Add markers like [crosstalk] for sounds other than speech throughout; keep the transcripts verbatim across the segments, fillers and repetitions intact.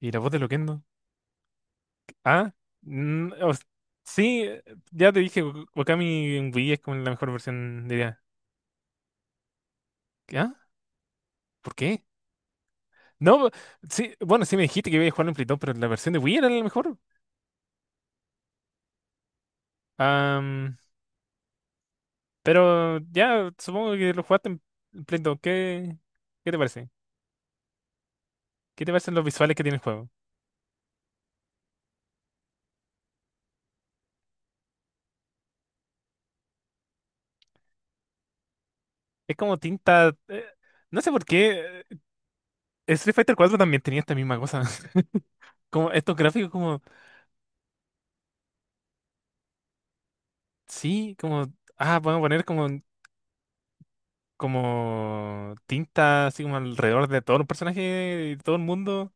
¿Y la voz de Loquendo? Ah, mm, o s- sí, eh, ya te dije, Wak- Wakami en Wii es como la mejor versión, diría. ¿Qué? ¿Ah? ¿Por qué? No, sí, bueno, sí me dijiste que iba a jugarlo en Play dos, pero la versión de Wii era la mejor. Am, pero ya, supongo que lo jugaste en en Play dos. ¿Qué, qué te parece? ¿Qué te parecen los visuales que tiene el juego? Es como tinta... eh, No sé por qué. eh, Street Fighter cuatro también tenía esta misma cosa. [laughs] Como estos gráficos como... Sí, como... Ah, vamos a poner como como tinta así como alrededor de todos los personajes y todo el mundo.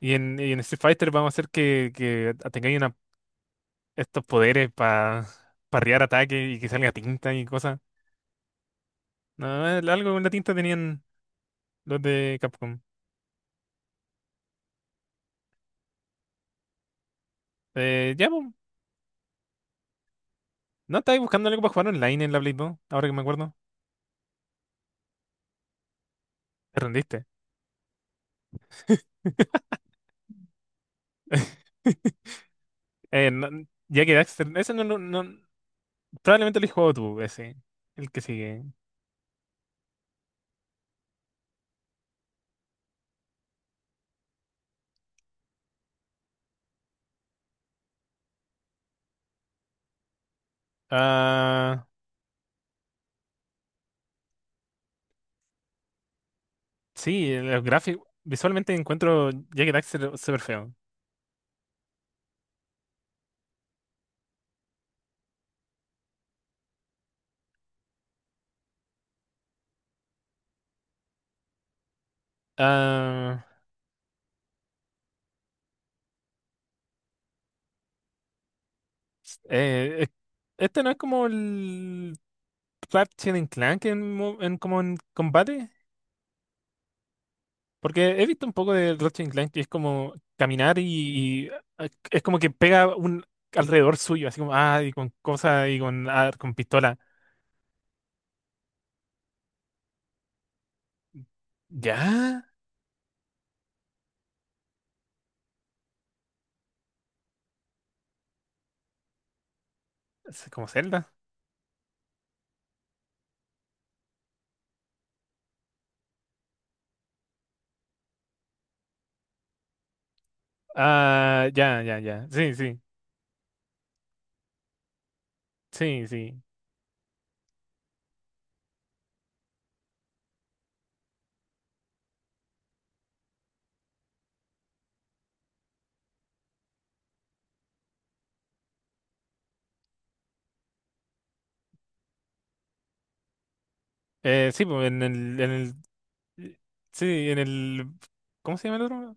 Y en, y en Street Fighter vamos a hacer que, que tengáis una- estos poderes para parrear ataques y que salga tinta y cosas. No, el- algo con la tinta tenían los de Capcom. Eh, ya, po. ¿No estáis buscando algo para jugar online en la Play dos? Ahora que me acuerdo. Te rendiste. [laughs] Eh, no- ya que Daxter, ese no, no, no- probablemente lo he jugado tú, ese, el que sigue. Ah, sí, los gráficos. Visualmente encuentro Jack and Daxter súper feo. Ah, eh, eh, este no es como el Ratchet and Clank en, mo- en- como en combate. Porque he visto un poco de Ratchet and Clank que es como caminar y, y, ah, es como que pega un alrededor suyo, así como, ah, y con cosas y con, ah, con pistola. ¿Ya? Es como Zelda. Ah, ya, ya, ya. Sí, sí, sí, sí. Eh, sí, pues en el, en el, Eh, Sí, en el... ¿Cómo se llama el otro?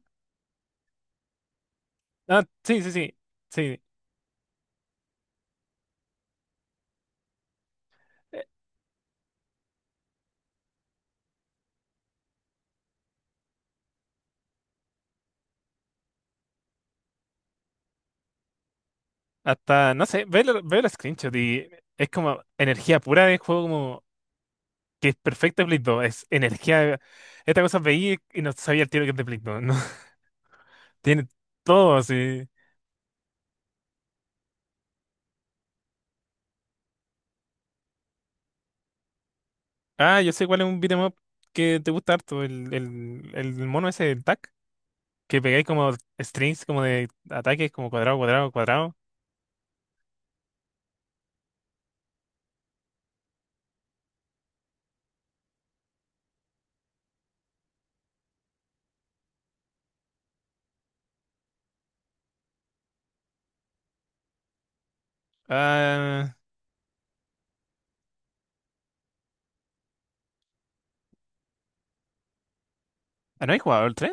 Ah, sí, sí, sí, sí. Eh, Hasta, no sé, veo, lo- veo los screenshots y es como energía pura de juego como que es perfecto de Play dos. Es energía... Esta cosa veía y no sabía el tiro que es de Play dos, ¿no? [laughs] Tiene todo así. Ah, yo sé cuál es un beat'em up que te gusta harto, el, el, el mono ese, el tac, que pegáis como strings como de ataques, como cuadrado, cuadrado, cuadrado. Ah, ah, ¿no hay jugado el tres?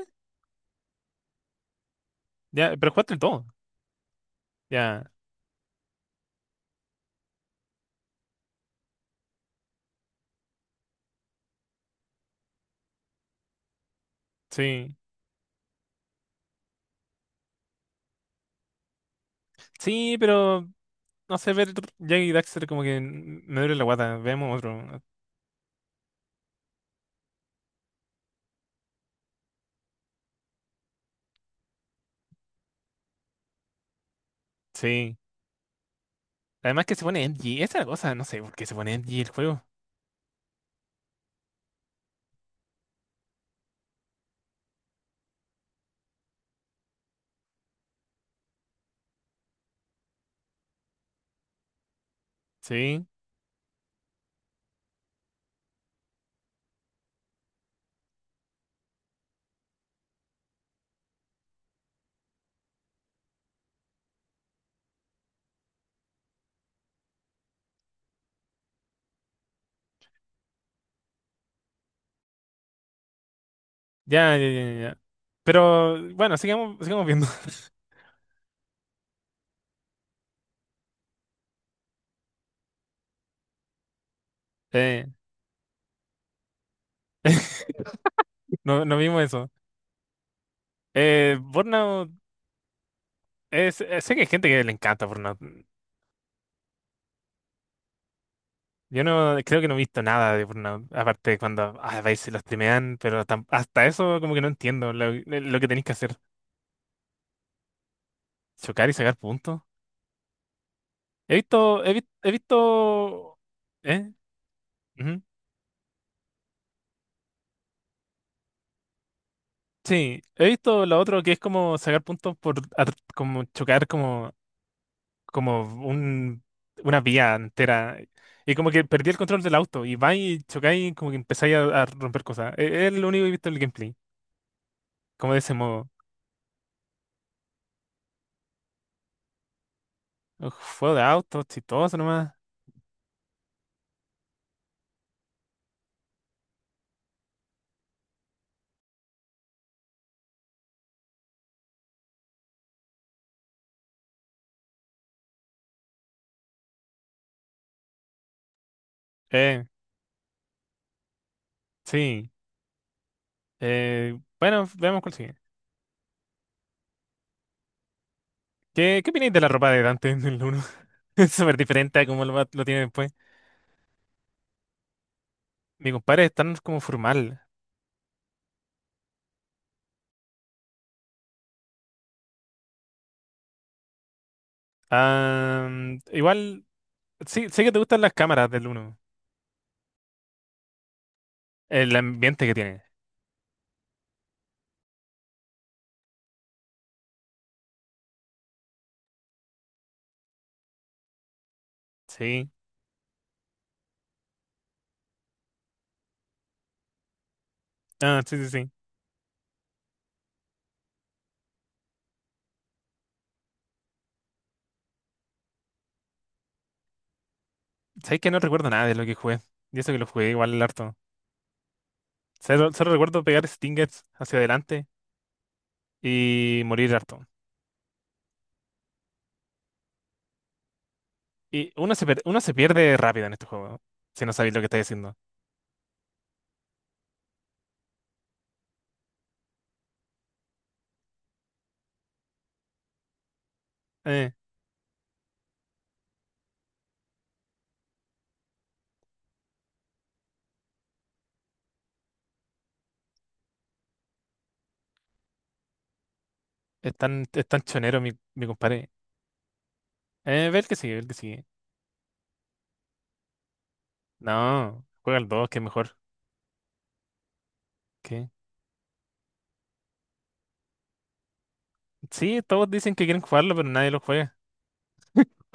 Ya, pero jugaste el dos. Ya, sí. Sí, pero no sé, ver Jack y Daxter como que n- me duele la guata. Veamos otro. Sí. Además que se pone edgy. Esa es la cosa, no sé por qué se pone edgy el juego. Sí. Ya, ya, ya, ya, ya. Pero bueno, sigamos, sigamos viendo. [laughs] Eh, [laughs] no, no vimos eso. Eh, Burnout, es, eh, sé que hay gente que le encanta Burnout. Yo no creo que no he visto nada de Burnout, aparte de cuando a veces lo streamean, pero tam- hasta eso como que no entiendo lo, lo que tenéis que hacer. Chocar y sacar puntos. He visto, he, vis- he visto, ¿eh? Ujú. Sí, he visto lo otro que es como sacar puntos por, at- como chocar como, como un, una vía entera. Y como que perdí el control del auto y va y chocáis y como que empezáis a, a romper cosas. E- Es, lo único que he visto en el gameplay, como de ese modo. Uf, juego de autos, chistoso nomás. Eh, sí. Eh, bueno, veamos cuál sigue. ¿Qué, qué opináis de la ropa de Dante en el uno? [laughs] Es súper diferente a como lo, va- lo tiene después. Mi compadre es tan como formal. Ah, igual, sí, sé que te gustan las cámaras del uno. El ambiente que tiene. Sí. Ah, sí, sí, sí. Sabes que no recuerdo nada de lo que jugué. Y eso que lo jugué igual harto. Solo, solo recuerdo pegar stingers hacia adelante y morir harto. Y uno se, per- uno se pierde rápido en este juego, si no sabéis lo que estáis haciendo. Eh, es tan, es tan chonero mi, mi compadre. Eh, ve el que sigue, ve el que sigue. No, juega el dos, que es mejor. ¿Qué? Sí, todos dicen que quieren jugarlo, pero nadie lo juega.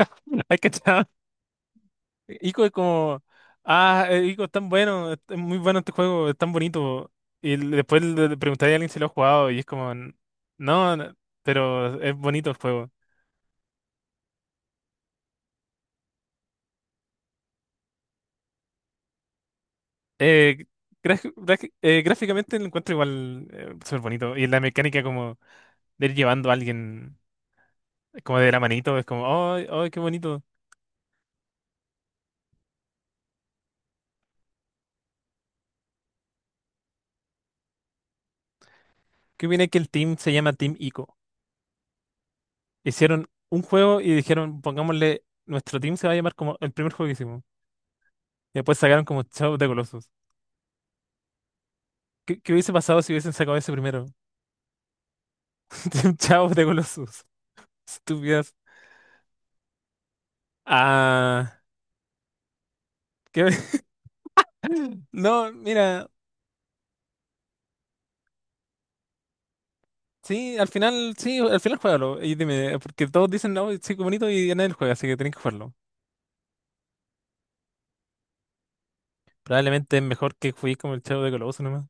[laughs] Hay que... Ico es como, ah, eh, Ico es tan bueno, es es muy bueno este juego, es tan bonito. Y l- después le le preguntaría a alguien si lo ha jugado y es como, "N- no, no, pero es bonito el juego". Eh, graf- graf- eh, gráficamente lo encuentro igual eh, súper bonito. Y la mecánica como de ir llevando a alguien como de la manito, es como, oh, oh, qué bonito. Qué viene que el team se llama Team Ico. Hicieron un juego y dijeron, pongámosle, nuestro team se va a llamar como el primer juego que hicimos. Y después sacaron como Shadow de the Colossus. ¿Qué, qué hubiese pasado si hubiesen sacado ese primero? [laughs] Chao de Colossus. Estúpidas. Ah, ¿qué? [laughs] No, mira, sí, al final, sí, al final juégalo. Y dime, porque todos dicen, no, sí, qué bonito y nadie lo juega, así que tenés que jugarlo. Probablemente es mejor que juguéis como el Chavo de Colossus nomás.